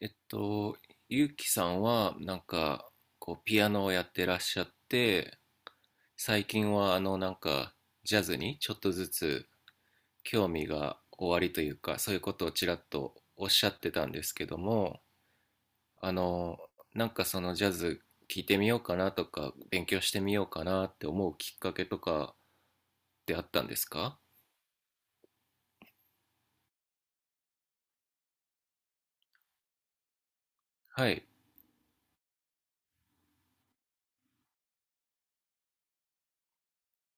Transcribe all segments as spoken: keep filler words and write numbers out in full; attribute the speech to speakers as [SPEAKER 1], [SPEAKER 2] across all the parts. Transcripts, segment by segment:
[SPEAKER 1] えっと、ゆうきさんは、なんか、こう、ピアノをやってらっしゃって、最近は、あの、なんか、ジャズにちょっとずつ興味がおありというか、そういうことをちらっとおっしゃってたんですけども、あの、なんかそのジャズ聴いてみようかなとか、勉強してみようかなって思うきっかけとかってあったんですか？はい。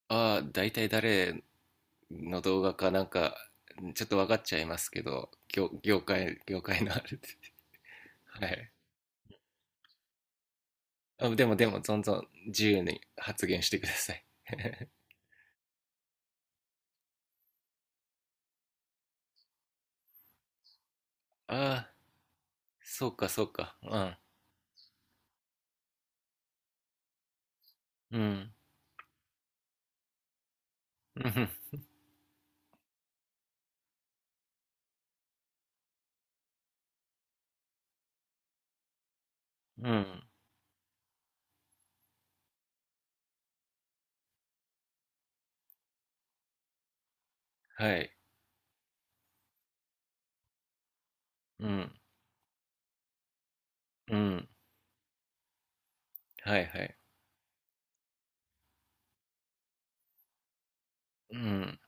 [SPEAKER 1] ああ、大体誰の動画かなんか、ちょっと分かっちゃいますけど、業、業界、業界のあれで。はい。あ、でもでも、どんどん自由に発言してください。ああ、そうかそうか。うん。うん。うん。うん。はい。うん。うん。はいはい。うん。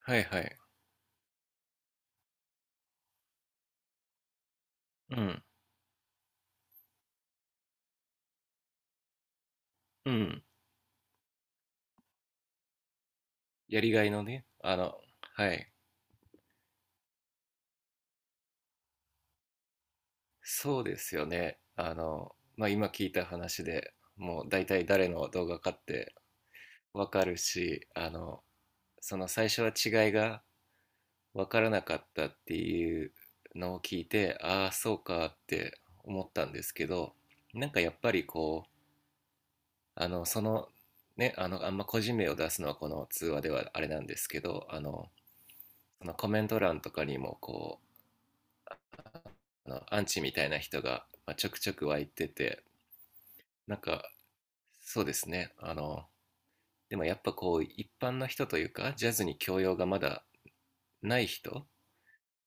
[SPEAKER 1] はいはい。うん。うん。やりがいのね、あの、はい。そうですよね。あの、まあ、今聞いた話でもう大体誰の動画かってわかるし、あの、その最初は違いが分からなかったっていうのを聞いて、ああそうかって思ったんですけど、なんかやっぱりこうあのそのねあのあんま個人名を出すのはこの通話ではあれなんですけど、あのそのコメント欄とかにもこうあのアンチみたいな人がちょくちょく湧いてて、なんかそうですねあのでもやっぱこう一般の人というかジャズに教養がまだない人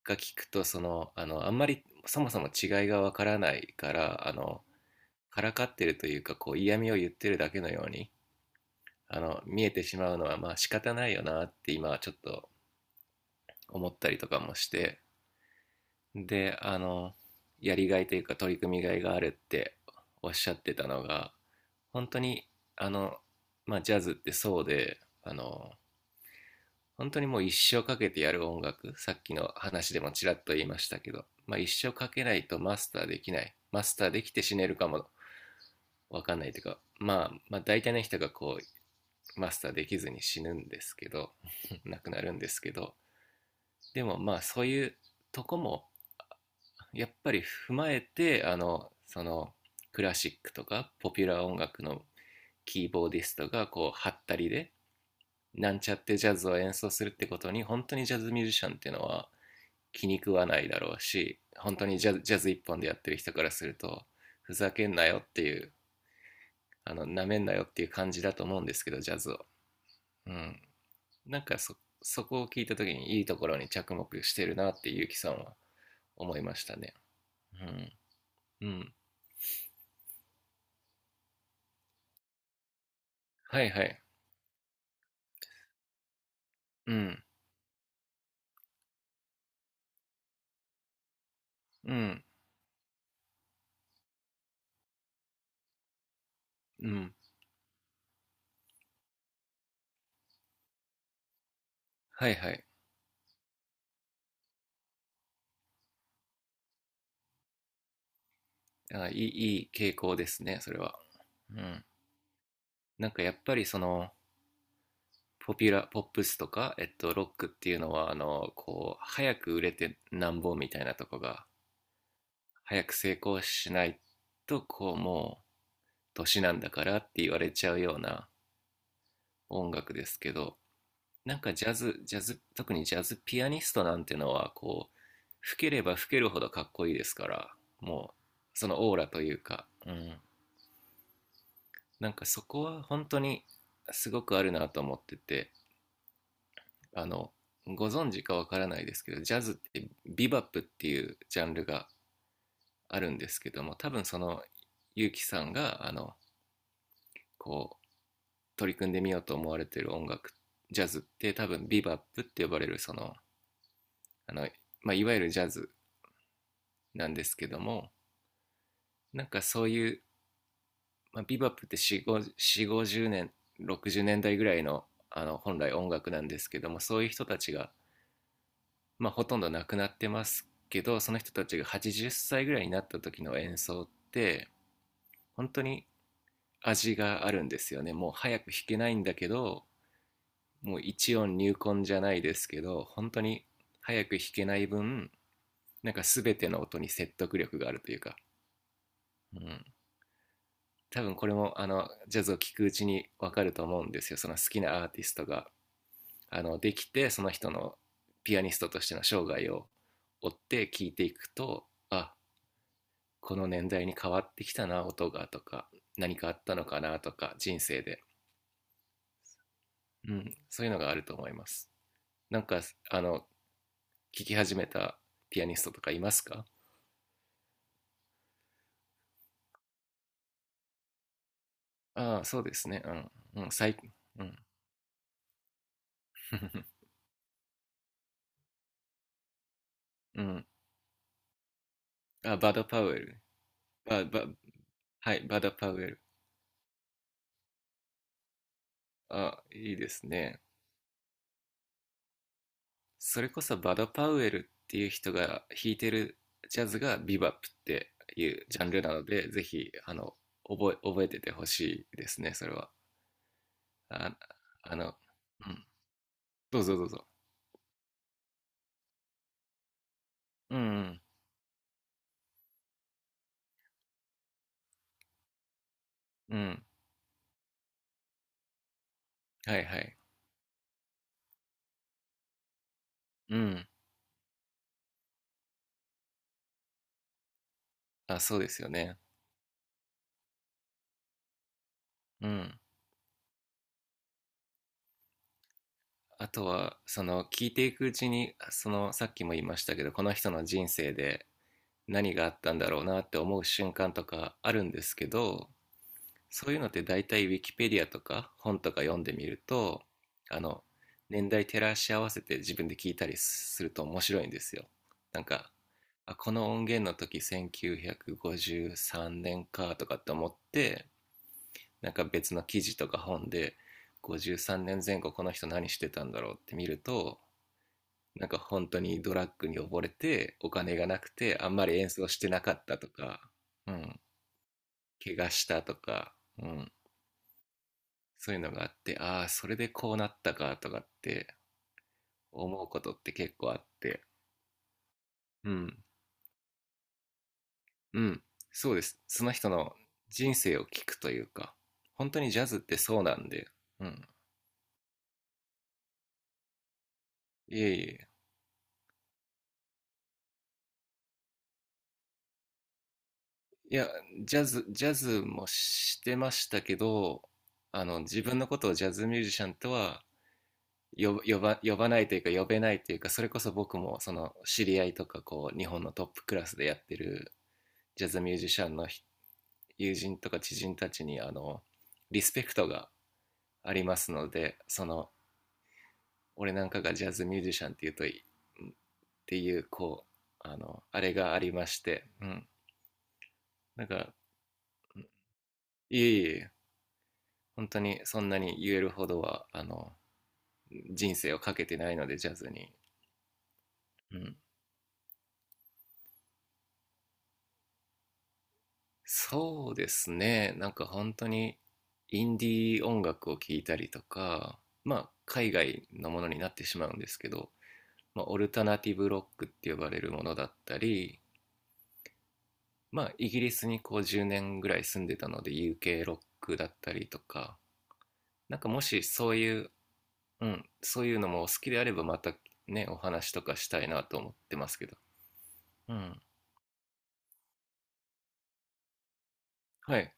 [SPEAKER 1] が聞くと、そのあのあんまりそもそも違いがわからないから、あのからかってるというか、こう嫌味を言ってるだけのように、あの、見えてしまうのはまあ仕方ないよなって今はちょっと思ったりとかもして、で、あの、やりがいというか取り組みがいがあるっておっしゃってたのが、本当に、あの、まあジャズってそうで、あの、本当にもう一生かけてやる音楽、さっきの話でもちらっと言いましたけど、まあ一生かけないとマスターできない。マスターできて死ねるかもわかんないというか、まあ、まあ大体の人がこうマスターできずに死ぬんですけど、 亡くなるんですけど、でもまあそういうとこもやっぱり踏まえて、あのそのクラシックとかポピュラー音楽のキーボーディストがこうハったりでなんちゃってジャズを演奏するってことに、本当にジャズミュージシャンっていうのは気に食わないだろうし、本当にジャズジャズ一本でやってる人からするとふざけんなよっていう、あのなめんなよっていう感じだと思うんですけど、ジャズを。うん、なんかそ、そこを聞いたときに、いいところに着目してるなってゆうきさんは思いましたね。うん。うん。はいはい。うん。うん。うん。はいはい。あ、いい、いい傾向ですね、それは。うん。なんかやっぱりその、ポピュラ、ポップスとか、えっと、ロックっていうのは、あの、こう、早く売れてなんぼみたいなとこが、早く成功しないと、こう、もう、年なんだからって言われちゃうような音楽ですけど、なんかジャズ、ジャズ、特にジャズピアニストなんてのは、こう、吹ければ吹けるほどかっこいいですから、もう、そのオーラというか、うん。なんかそこは本当にすごくあるなと思ってて、あの、ご存知かわからないですけど、ジャズってビバップっていうジャンルがあるんですけども、多分その、ゆうきさんが、あの、こう、取り組んでみようと思われてる音楽、ジャズって多分ビバップって呼ばれる、その、あの、まあ、いわゆるジャズなんですけども、なんかそういう、まあ、ビバップってよん ご よん ご ぜろねんろくじゅうねんだいぐらいの、あの本来音楽なんですけども、そういう人たちが、まあ、ほとんど亡くなってますけど、その人たちがはちじゅっさいぐらいになった時の演奏って本当に味があるんですよね。もう早く弾けないんだけど、もう一音入魂じゃないですけど、本当に早く弾けない分、なんか全ての音に説得力があるというか、うん、多分これもあのジャズを聴くうちに分かると思うんですよ。その好きなアーティストがあのできて、その人のピアニストとしての生涯を追って聴いていくと、あ、この年代に変わってきたな音が、とか、何かあったのかな、とか、人生で、うん、そういうのがあると思います。なんかあの聴き始めたピアニストとかいますか？ああ、そうですね。うん、うん、最近。うん、うん、あ、バド・パウエル。ババはい、バド・パウエル。あ、いいですね。それこそバド・パウエルっていう人が弾いてるジャズがビバップっていうジャンルなので、ぜひ、あの、覚え、覚えててほしいですね、それは。あ、あの、うん。どうぞどうぞ。うん、うん、うん。はいはい。うん。あ、そうですよね。うん。あとは、その、聞いていくうちに、その、さっきも言いましたけど、この人の人生で何があったんだろうなって思う瞬間とかあるんですけど、そういうのって大体ウィキペディアとか本とか読んでみると、あの、年代照らし合わせて自分で聞いたりすると面白いんですよ。なんか、あ、この音源の時せんきゅうひゃくごじゅうさんねんかとかって思って、なんか別の記事とか本でごじゅうさんねんぜんごこの人何してたんだろうって見ると、なんか本当にドラッグに溺れてお金がなくてあんまり演奏してなかったとか、うん、怪我したとか、うん、そういうのがあって、ああー、それでこうなったかとかって思うことって結構あって、うん、うん、そうです。その人の人生を聞くというか、本当にジャズってそうなんで、うん、いえいえ、いや、ジャズ、ジャズもしてましたけど、あの、自分のことをジャズミュージシャンとは呼ば、呼ば呼ばないというか呼べないというか、それこそ僕もその知り合いとかこう、日本のトップクラスでやってるジャズミュージシャンのひ友人とか知人たちにあのリスペクトがありますので、その俺なんかがジャズミュージシャンっていうといっていうこうあのあれがありまして、うん、だからいえいえ、本当にそんなに言えるほどはあの人生をかけてないのでジャズに、うん、そうですね、なんか本当にインディー音楽を聴いたりとか、まあ海外のものになってしまうんですけど、まあ、オルタナティブロックって呼ばれるものだったり、まあ、イギリスにこうじゅうねんぐらい住んでたので ユーケー ロックだったりとか、なんかもしそういう、うん、そういうのもお好きであればまたねお話とかしたいなと思ってますけど、うん、はい。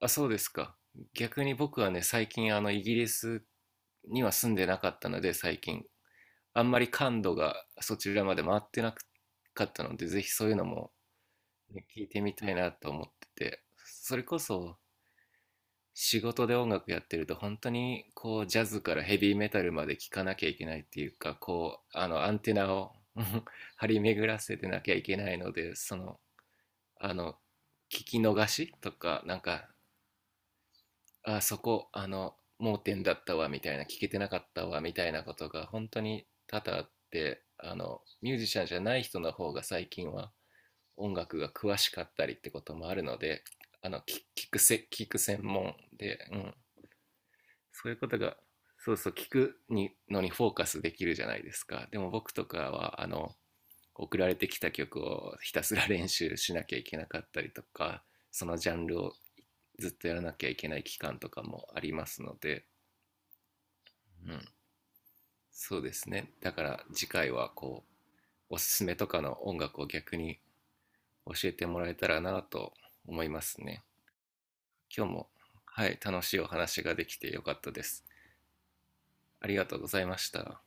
[SPEAKER 1] あ、そうですか？逆に僕はね、最近あのイギリスには住んでなかったので、最近あんまり感度がそちらまで回ってなかったので、ぜひそういうのも、ね、聞いてみたいなと思ってて、それこそ仕事で音楽やってると本当にこうジャズからヘビーメタルまで聴かなきゃいけないっていうか、こうあのアンテナを 張り巡らせてなきゃいけないので、その、あの聞き逃しとか、なんかあそこあの盲点だったわみたいな、聞けてなかったわみたいなことが本当に多々あって、あのミュージシャンじゃない人の方が最近は音楽が詳しかったりってこともあるので、あの聞くせ聞く専門で、うん、そういうことが、そうそう、聞くにのにフォーカスできるじゃないですか。でも僕とかはあの送られてきた曲をひたすら練習しなきゃいけなかったりとか、そのジャンルをずっとやらなきゃいけない期間とかもありますので、うん、そうですね、だから次回はこうおすすめとかの音楽を逆に教えてもらえたらなと思いますね。今日も、はい、楽しいお話ができてよかったです。ありがとうございました。